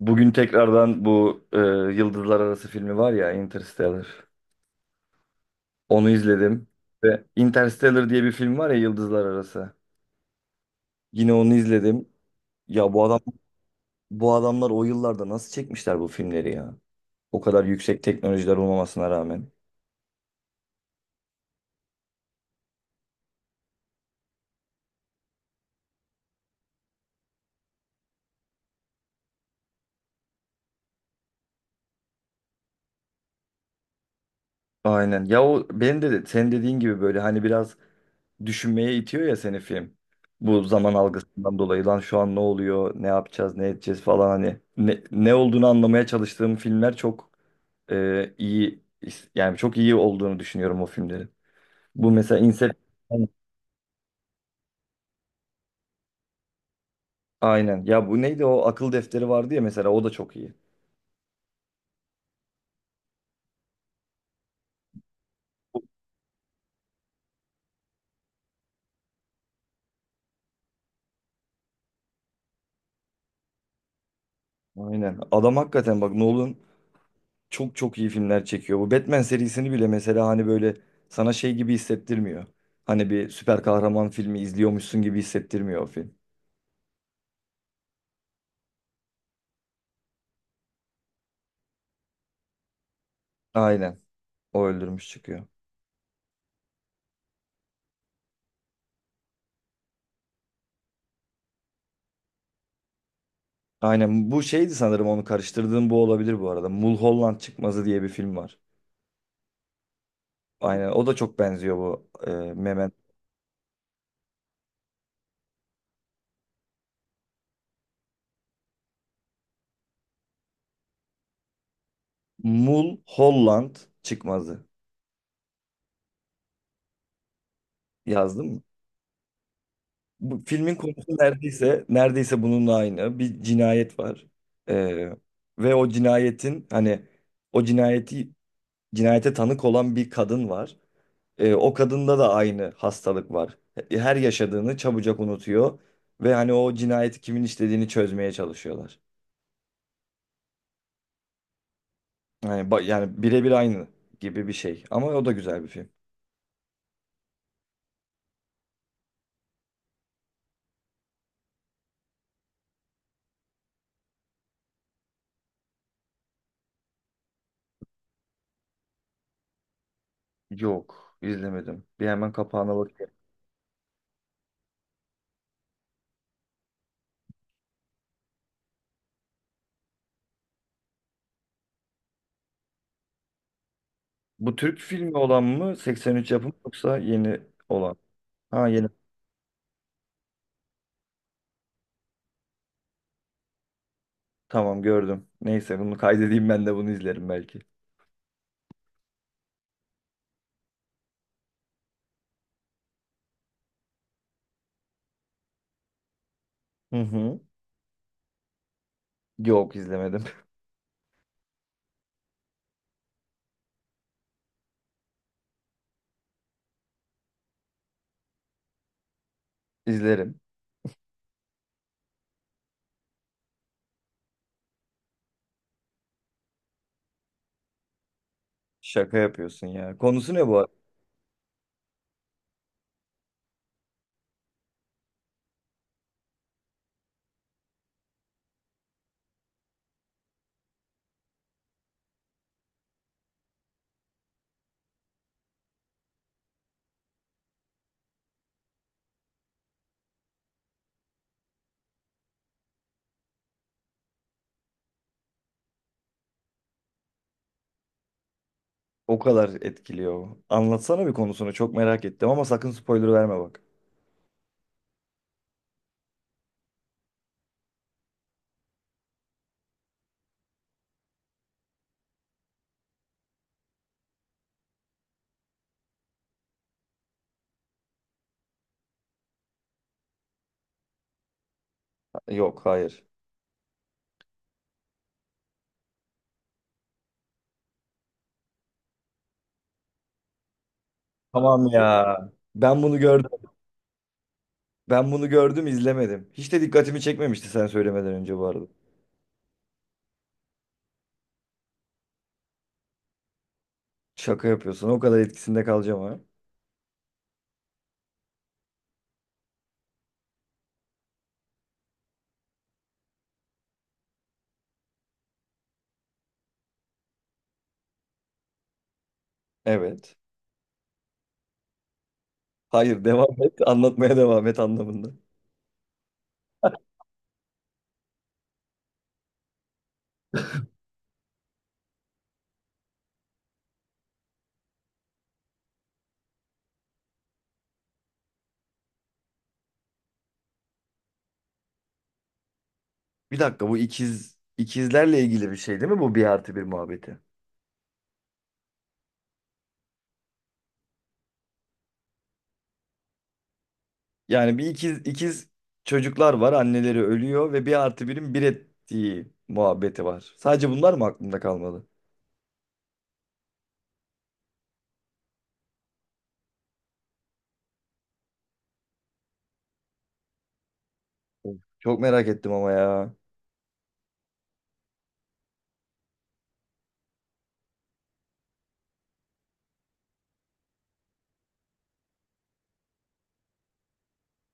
Bugün tekrardan bu Yıldızlar Arası filmi var ya Interstellar. Onu izledim. Ve Interstellar diye bir film var ya Yıldızlar Arası. Yine onu izledim. Ya bu adamlar o yıllarda nasıl çekmişler bu filmleri ya? O kadar yüksek teknolojiler olmamasına rağmen. Aynen. Ya o benim de sen dediğin gibi böyle hani biraz düşünmeye itiyor ya seni film. Bu zaman algısından dolayı lan şu an ne oluyor, ne yapacağız, ne edeceğiz falan hani ne olduğunu anlamaya çalıştığım filmler çok iyi, yani çok iyi olduğunu düşünüyorum o filmlerin. Bu mesela Inception aynen. Ya bu neydi, o akıl defteri vardı ya mesela, o da çok iyi. Aynen. Adam hakikaten bak, Nolan çok çok iyi filmler çekiyor. Bu Batman serisini bile mesela hani böyle sana şey gibi hissettirmiyor. Hani bir süper kahraman filmi izliyormuşsun gibi hissettirmiyor o film. Aynen. O öldürmüş çıkıyor. Aynen. Bu şeydi, sanırım onu karıştırdığım bu olabilir bu arada. Mulholland Çıkmazı diye bir film var. Aynen. O da çok benziyor bu Mul Holland çıkmazı yazdım mı? Bu filmin konusu neredeyse bununla aynı. Bir cinayet var. Ee, Ve o cinayetin hani o cinayeti cinayete tanık olan bir kadın var. O kadında da aynı hastalık var. Her yaşadığını çabucak unutuyor ve hani o cinayeti kimin işlediğini çözmeye çalışıyorlar. Yani birebir aynı gibi bir şey. Ama o da güzel bir film. Yok, izlemedim. Bir hemen kapağına bak. Bu Türk filmi olan mı? 83 yapımı yoksa yeni olan? Ha, yeni. Tamam, gördüm. Neyse bunu kaydedeyim, ben de bunu izlerim belki. Hı hı. Yok, izlemedim. İzlerim. Şaka yapıyorsun ya. Konusu ne bu arada? O kadar etkiliyor. Anlatsana bir konusunu. Çok merak ettim ama sakın spoiler verme bak. Yok, hayır. Tamam ya. Ben bunu gördüm. Ben bunu gördüm, izlemedim. Hiç de dikkatimi çekmemişti sen söylemeden önce bu arada. Şaka yapıyorsun. O kadar etkisinde kalacağım ha. Evet. Hayır, devam et. Anlatmaya devam et anlamında. Bir dakika, bu ikizlerle ilgili bir şey değil mi, bu bir artı bir muhabbeti? Yani bir ikiz çocuklar var, anneleri ölüyor ve bir artı birin bir ettiği muhabbeti var. Sadece bunlar mı aklımda kalmadı? Of, çok merak ettim ama ya.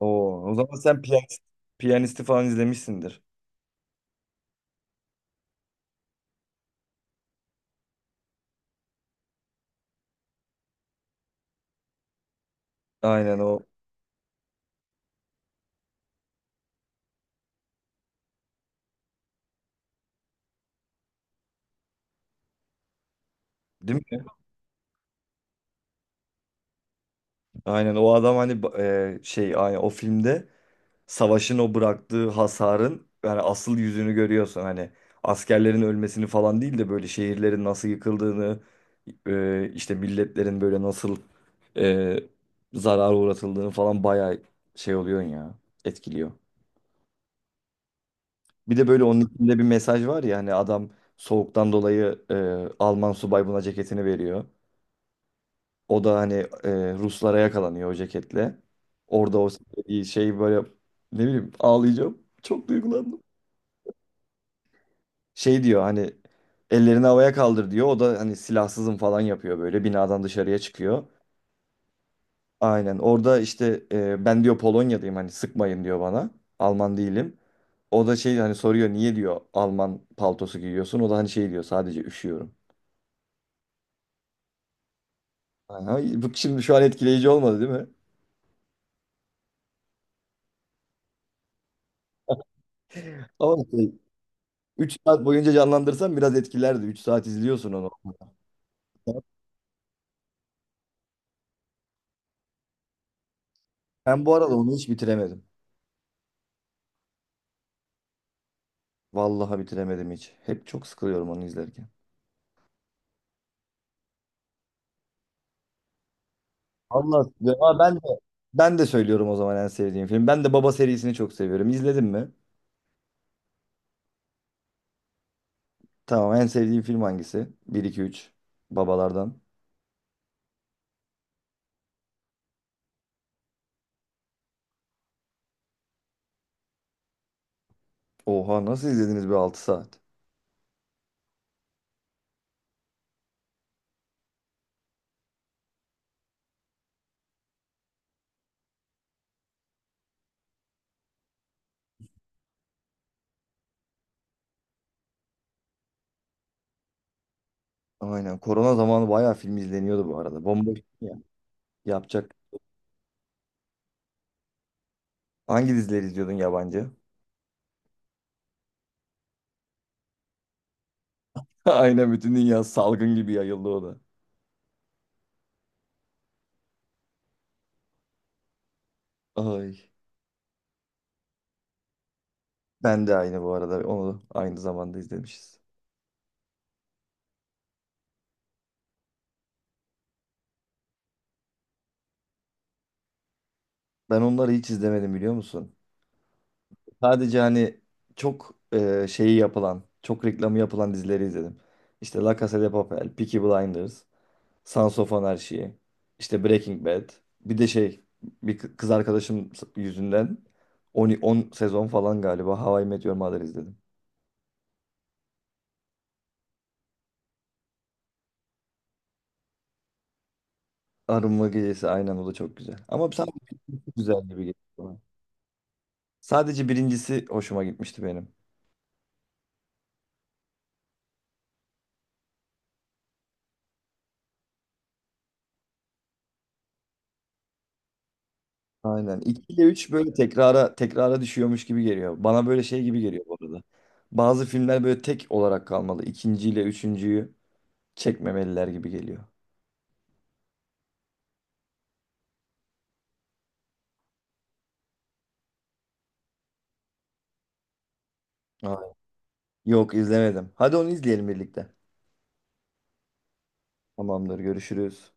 Oo, o zaman sen piyanist, piyanisti falan izlemişsindir. Aynen o. Değil mi? Aynen, o adam hani şey, aynen o filmde savaşın o bıraktığı hasarın yani asıl yüzünü görüyorsun. Hani askerlerin ölmesini falan değil de böyle şehirlerin nasıl yıkıldığını, işte milletlerin böyle nasıl e, zarara uğratıldığını falan bayağı şey oluyorsun ya, etkiliyor. Bir de böyle onun içinde bir mesaj var ya, hani adam soğuktan dolayı Alman subay buna ceketini veriyor. O da hani Ruslara yakalanıyor o ceketle. Orada o şey böyle, ne bileyim, ağlayacağım. Çok duygulandım. Şey diyor hani, ellerini havaya kaldır diyor. O da hani silahsızım falan yapıyor, böyle binadan dışarıya çıkıyor. Aynen, orada işte ben diyor Polonya'dayım, hani sıkmayın diyor bana. Alman değilim. O da şey, hani soruyor, niye diyor Alman paltosu giyiyorsun. O da hani şey diyor, sadece üşüyorum. Aha, bu şimdi şu an etkileyici olmadı değil mi? Ama şey, 3 saat boyunca canlandırsan biraz etkilerdi. 3 saat izliyorsun onu. Ben bu arada onu hiç bitiremedim. Vallahi bitiremedim hiç. Hep çok sıkılıyorum onu izlerken. Allah ya, ben de ben de söylüyorum o zaman en sevdiğim film. Ben de Baba serisini çok seviyorum. İzledin mi? Tamam, en sevdiğim film hangisi? Bir iki üç Babalardan. Oha, nasıl izlediniz, bir 6 saat? Aynen. Korona zamanı bayağı film izleniyordu bu arada. Bomboş ya. Yapacak. Hangi dizileri izliyordun, yabancı? Aynen, bütün dünya salgın gibi yayıldı o da. Ay. Ben de aynı bu arada. Onu aynı zamanda izlemişiz. Ben onları hiç izlemedim, biliyor musun? Sadece hani çok şeyi yapılan, çok reklamı yapılan dizileri izledim. İşte La Casa de Papel, Peaky Blinders, Sons of Anarchy, işte Breaking Bad. Bir de şey, bir kız arkadaşım yüzünden 10 sezon falan galiba How I Met Your Mother izledim. Arınma Gecesi aynen, o da çok güzel. Ama sadece güzel gibi geliyor bana. Sadece birincisi hoşuma gitmişti benim. Aynen. 2 ile 3 böyle tekrara tekrara düşüyormuş gibi geliyor. Bana böyle şey gibi geliyor bu arada. Bazı filmler böyle tek olarak kalmalı. İkinci ile üçüncüyü çekmemeliler gibi geliyor. Aynen. Yok, izlemedim. Hadi onu izleyelim birlikte. Tamamdır, görüşürüz.